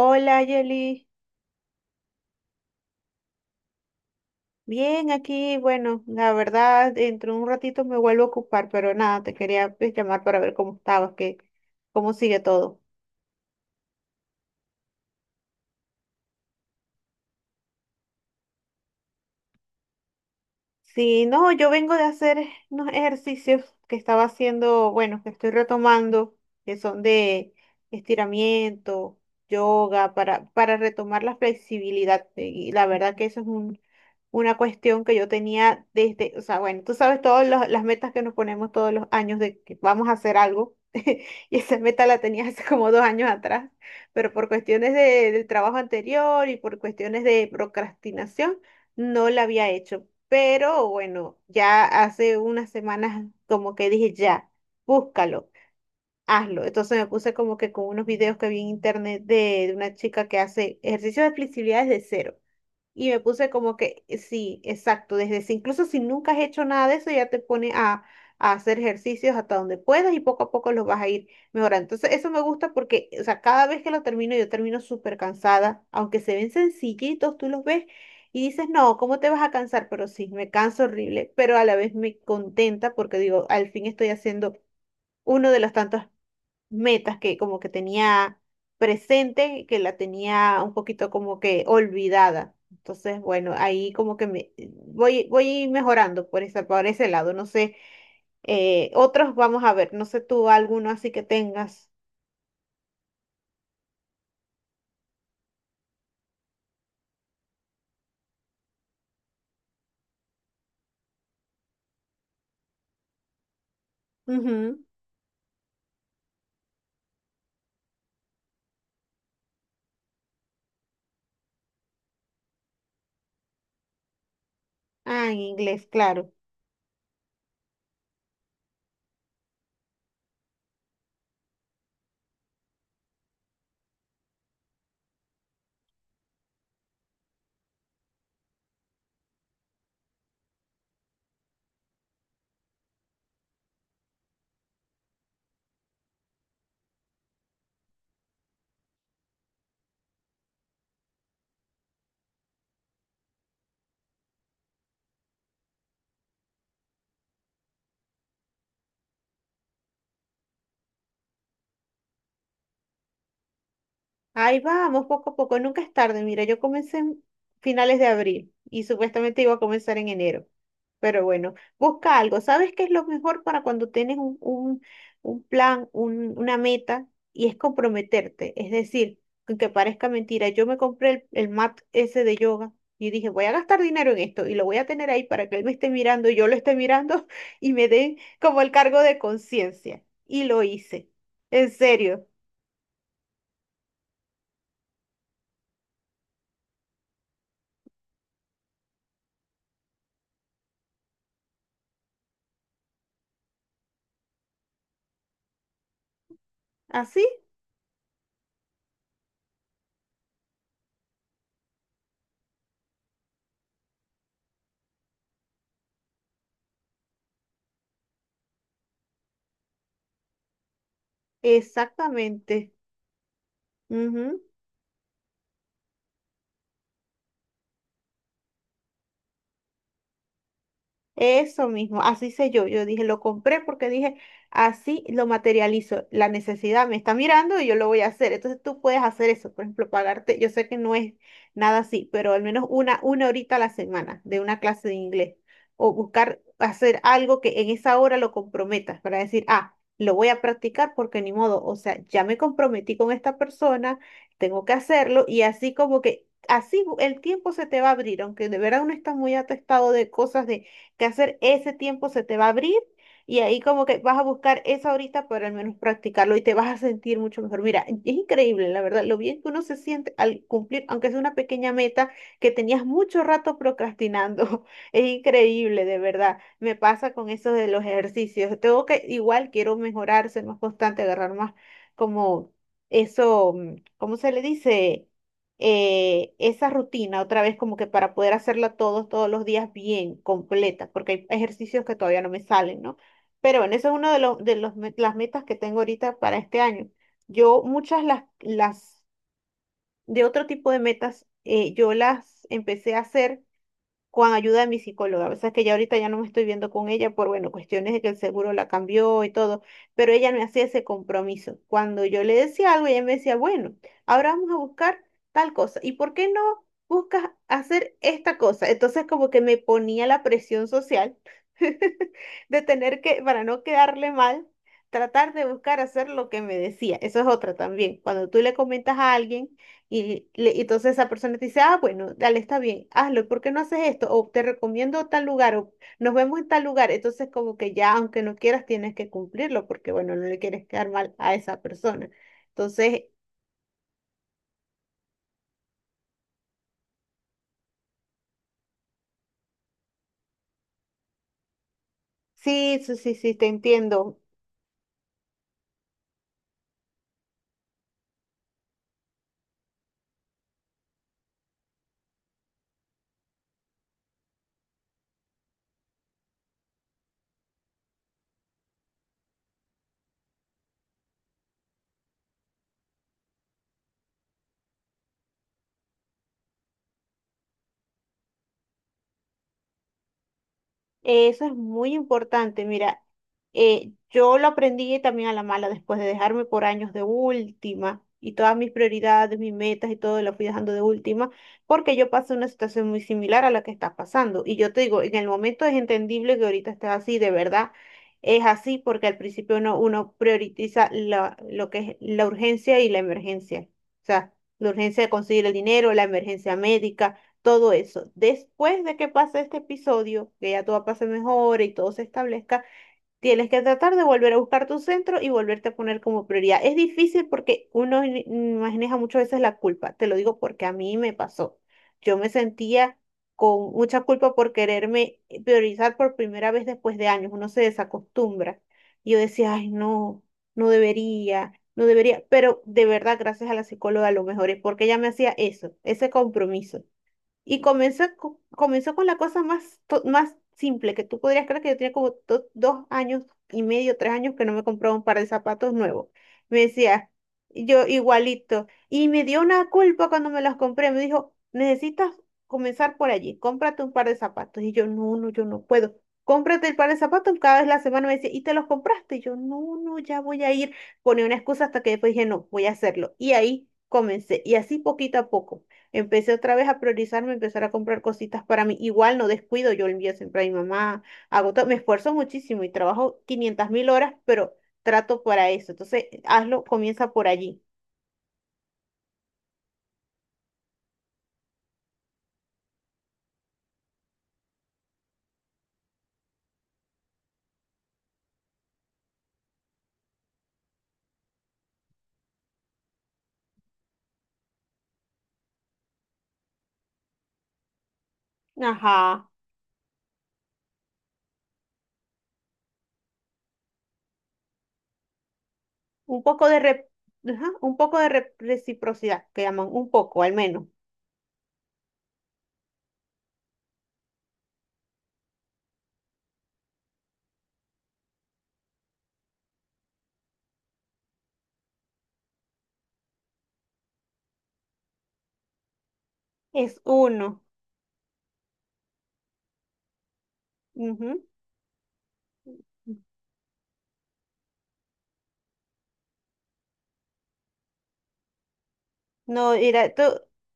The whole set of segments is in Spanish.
Hola, Yeli. Bien, aquí, bueno, la verdad, dentro de un ratito me vuelvo a ocupar, pero nada, te quería pues, llamar para ver cómo estabas, cómo sigue todo. Sí, no, yo vengo de hacer unos ejercicios que estaba haciendo, bueno, que estoy retomando, que son de estiramiento, yoga, para retomar la flexibilidad. Y la verdad que eso es una cuestión que yo tenía desde, o sea, bueno, tú sabes todas las metas que nos ponemos todos los años de que vamos a hacer algo. Y esa meta la tenía hace como dos años atrás, pero por cuestiones del trabajo anterior y por cuestiones de procrastinación, no la había hecho. Pero bueno, ya hace unas semanas como que dije, ya, búscalo, hazlo. Entonces me puse como que con unos videos que vi en internet de una chica que hace ejercicios de flexibilidad desde cero. Y me puse como que, sí, exacto, desde si, incluso si nunca has hecho nada de eso, ya te pone a hacer ejercicios hasta donde puedas y poco a poco los vas a ir mejorando. Entonces, eso me gusta porque, o sea, cada vez que lo termino, yo termino súper cansada, aunque se ven sencillitos, tú los ves y dices, no, ¿cómo te vas a cansar? Pero sí, me canso horrible, pero a la vez me contenta porque digo, al fin estoy haciendo uno de los tantos metas que como que tenía presente, que la tenía un poquito como que olvidada. Entonces, bueno, ahí como que me voy mejorando por ese lado. No sé, otros vamos a ver, no sé tú alguno así que tengas. Ujú. Ah, en inglés, claro. Ahí vamos, poco a poco, nunca es tarde. Mira, yo comencé en finales de abril y supuestamente iba a comenzar en enero. Pero bueno, busca algo. ¿Sabes qué es lo mejor para cuando tienes un plan, una meta? Y es comprometerte. Es decir, aunque parezca mentira, yo me compré el mat ese de yoga y dije, voy a gastar dinero en esto y lo voy a tener ahí para que él me esté mirando, yo lo esté mirando y me dé como el cargo de conciencia. Y lo hice. En serio. Así Exactamente. Ujú. Eso mismo, así sé yo. Yo dije, lo compré porque dije, así lo materializo. La necesidad me está mirando y yo lo voy a hacer. Entonces tú puedes hacer eso, por ejemplo, pagarte. Yo sé que no es nada así, pero al menos una horita a la semana de una clase de inglés. O buscar hacer algo que en esa hora lo comprometas para decir, ah, lo voy a practicar porque ni modo. O sea, ya me comprometí con esta persona, tengo que hacerlo y así como que. Así el tiempo se te va a abrir, aunque de verdad uno está muy atestado de cosas de que hacer, ese tiempo se te va a abrir y ahí como que vas a buscar esa horita para al menos practicarlo y te vas a sentir mucho mejor. Mira, es increíble, la verdad, lo bien que uno se siente al cumplir, aunque sea una pequeña meta que tenías mucho rato procrastinando. Es increíble, de verdad. Me pasa con eso de los ejercicios. Tengo que, igual quiero mejorar, ser más constante, agarrar más como eso. ¿Cómo se le dice? Esa rutina otra vez como que para poder hacerla todos los días bien, completa, porque hay ejercicios que todavía no me salen, ¿no? Pero bueno, eso es uno de los, las metas que tengo ahorita para este año. Yo muchas las de otro tipo de metas, yo las empecé a hacer con ayuda de mi psicóloga. A veces que ya ahorita ya no me estoy viendo con ella por, bueno, cuestiones de que el seguro la cambió y todo, pero ella me hacía ese compromiso. Cuando yo le decía algo, ella me decía, bueno, ahora vamos a buscar tal cosa. ¿Y por qué no buscas hacer esta cosa? Entonces como que me ponía la presión social de tener que, para no quedarle mal, tratar de buscar hacer lo que me decía. Eso es otra también. Cuando tú le comentas a alguien y, y entonces esa persona te dice, ah, bueno, dale, está bien, hazlo, ¿por qué no haces esto? O te recomiendo tal lugar, o nos vemos en tal lugar. Entonces como que ya, aunque no quieras, tienes que cumplirlo, porque bueno, no le quieres quedar mal a esa persona. Entonces, sí, sí, sí, sí, te entiendo. Eso es muy importante. Mira, yo lo aprendí también a la mala después de dejarme por años de última y todas mis prioridades, mis metas y todo lo fui dejando de última porque yo pasé una situación muy similar a la que estás pasando. Y yo te digo, en el momento es entendible que ahorita estés así, de verdad es así porque al principio uno prioriza lo que es la urgencia y la emergencia. O sea, la urgencia de conseguir el dinero, la emergencia médica todo eso. Después de que pase este episodio, que ya todo pase mejor y todo se establezca, tienes que tratar de volver a buscar tu centro y volverte a poner como prioridad. Es difícil porque uno maneja muchas veces la culpa. Te lo digo porque a mí me pasó. Yo me sentía con mucha culpa por quererme priorizar por primera vez después de años. Uno se desacostumbra. Y yo decía, ay, no, no debería. No debería, pero de verdad, gracias a la psicóloga, lo mejor es porque ella me hacía eso, ese compromiso. Y comenzó con la cosa más, más simple, que tú podrías creer que yo tenía como dos años y medio, tres años que no me compraba un par de zapatos nuevos. Me decía, yo igualito. Y me dio una culpa cuando me los compré. Me dijo, necesitas comenzar por allí, cómprate un par de zapatos. Y yo, no, no, yo no puedo. Cómprate el par de zapatos cada vez la semana me decía, ¿y te los compraste? Y yo, no, no, ya voy a ir. Ponía una excusa hasta que después dije, no, voy a hacerlo. Y ahí comencé. Y así poquito a poco. Empecé otra vez a priorizarme, empezar a comprar cositas para mí. Igual no descuido, yo le envío siempre a mi mamá, hago todo, me esfuerzo muchísimo y trabajo 500 mil horas, pero trato para eso. Entonces, hazlo, comienza por allí. Ajá, un poco de, ajá, un poco de reciprocidad, que llaman, un poco al menos. Es uno. Ujú. No, era, tú,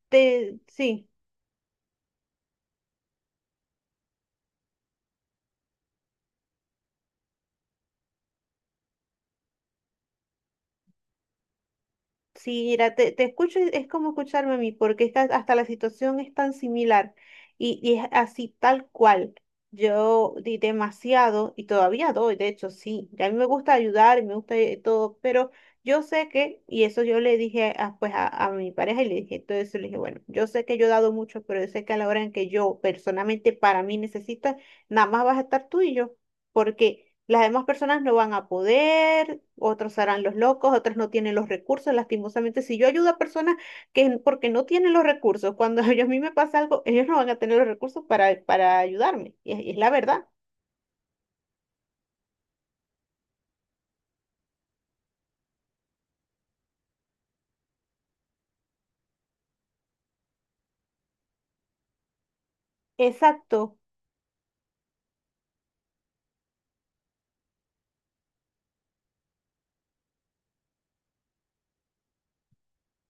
te, sí. Sí, mira, te escucho, y es como escucharme a mí, porque es que hasta la situación es tan similar y es así tal cual. Yo di demasiado y todavía doy, de hecho, sí. Y a mí me gusta ayudar y me gusta todo, pero yo sé que, y eso yo le dije a, pues a, mi pareja y le dije todo eso, le dije, bueno, yo sé que yo he dado mucho, pero yo sé que a la hora en que yo personalmente para mí necesito, nada más vas a estar tú y yo, porque. Las demás personas no van a poder, otros harán los locos, otras no tienen los recursos. Lastimosamente, si yo ayudo a personas que porque no tienen los recursos, cuando a mí me pasa algo, ellos no van a tener los recursos para ayudarme. Y es la verdad. Exacto,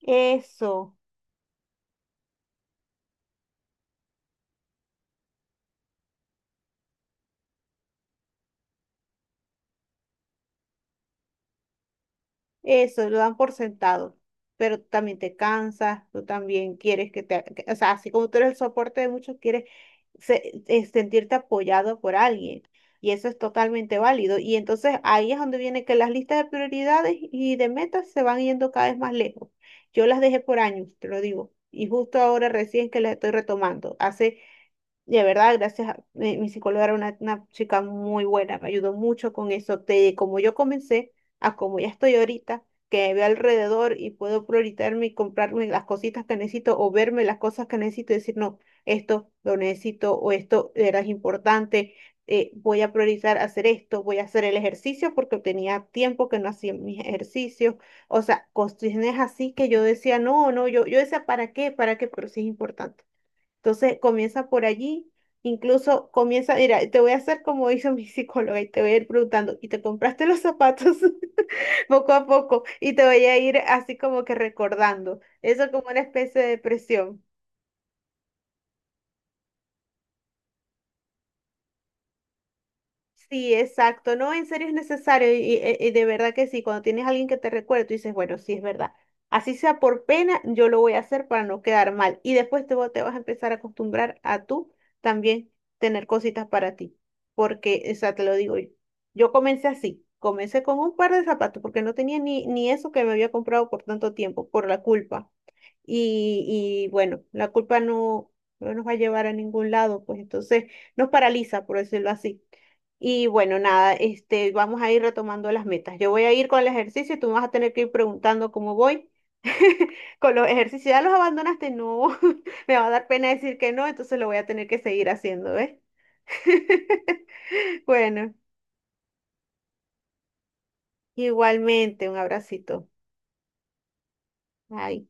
eso. Eso, lo dan por sentado, pero tú también te cansas, tú también quieres que o sea, así como tú eres el soporte de muchos, quieres sentirte apoyado por alguien y eso es totalmente válido. Y entonces ahí es donde viene que las listas de prioridades y de metas se van yendo cada vez más lejos. Yo las dejé por años, te lo digo, y justo ahora recién que las estoy retomando. Hace de verdad, gracias a mi psicóloga era una chica muy buena, me ayudó mucho con eso, de como yo comencé a como ya estoy ahorita, que veo alrededor y puedo prioritarme y comprarme las cositas que necesito o verme las cosas que necesito y decir, no, esto lo necesito o esto era importante, voy a priorizar hacer esto, voy a hacer el ejercicio porque tenía tiempo que no hacía mis ejercicios, o sea, cuestiones así que yo decía, no, no, yo decía, ¿para qué? ¿Para qué? Pero sí es importante. Entonces comienza por allí, incluso comienza, mira, te voy a hacer como hizo mi psicóloga y te voy a ir preguntando, ¿y te compraste los zapatos poco a poco? Y te voy a ir así como que recordando, eso como una especie de presión. Sí, exacto. No, en serio es necesario y de verdad que sí, cuando tienes a alguien que te recuerde, tú dices, bueno, sí es verdad. Así sea por pena, yo lo voy a hacer para no quedar mal. Y después te vas a empezar a acostumbrar a tú también tener cositas para ti. Porque, o sea, te lo digo yo. Yo comencé así, comencé con un par de zapatos porque no tenía ni eso que me había comprado por tanto tiempo, por la culpa y bueno, la culpa no nos va a llevar a ningún lado, pues entonces nos paraliza, por decirlo así. Y bueno, nada, vamos a ir retomando las metas. Yo voy a ir con el ejercicio, tú me vas a tener que ir preguntando cómo voy. Con los ejercicios, ¿ya los abandonaste? No, me va a dar pena decir que no, entonces lo voy a tener que seguir haciendo, ¿ves? Bueno, igualmente, un abracito. Bye.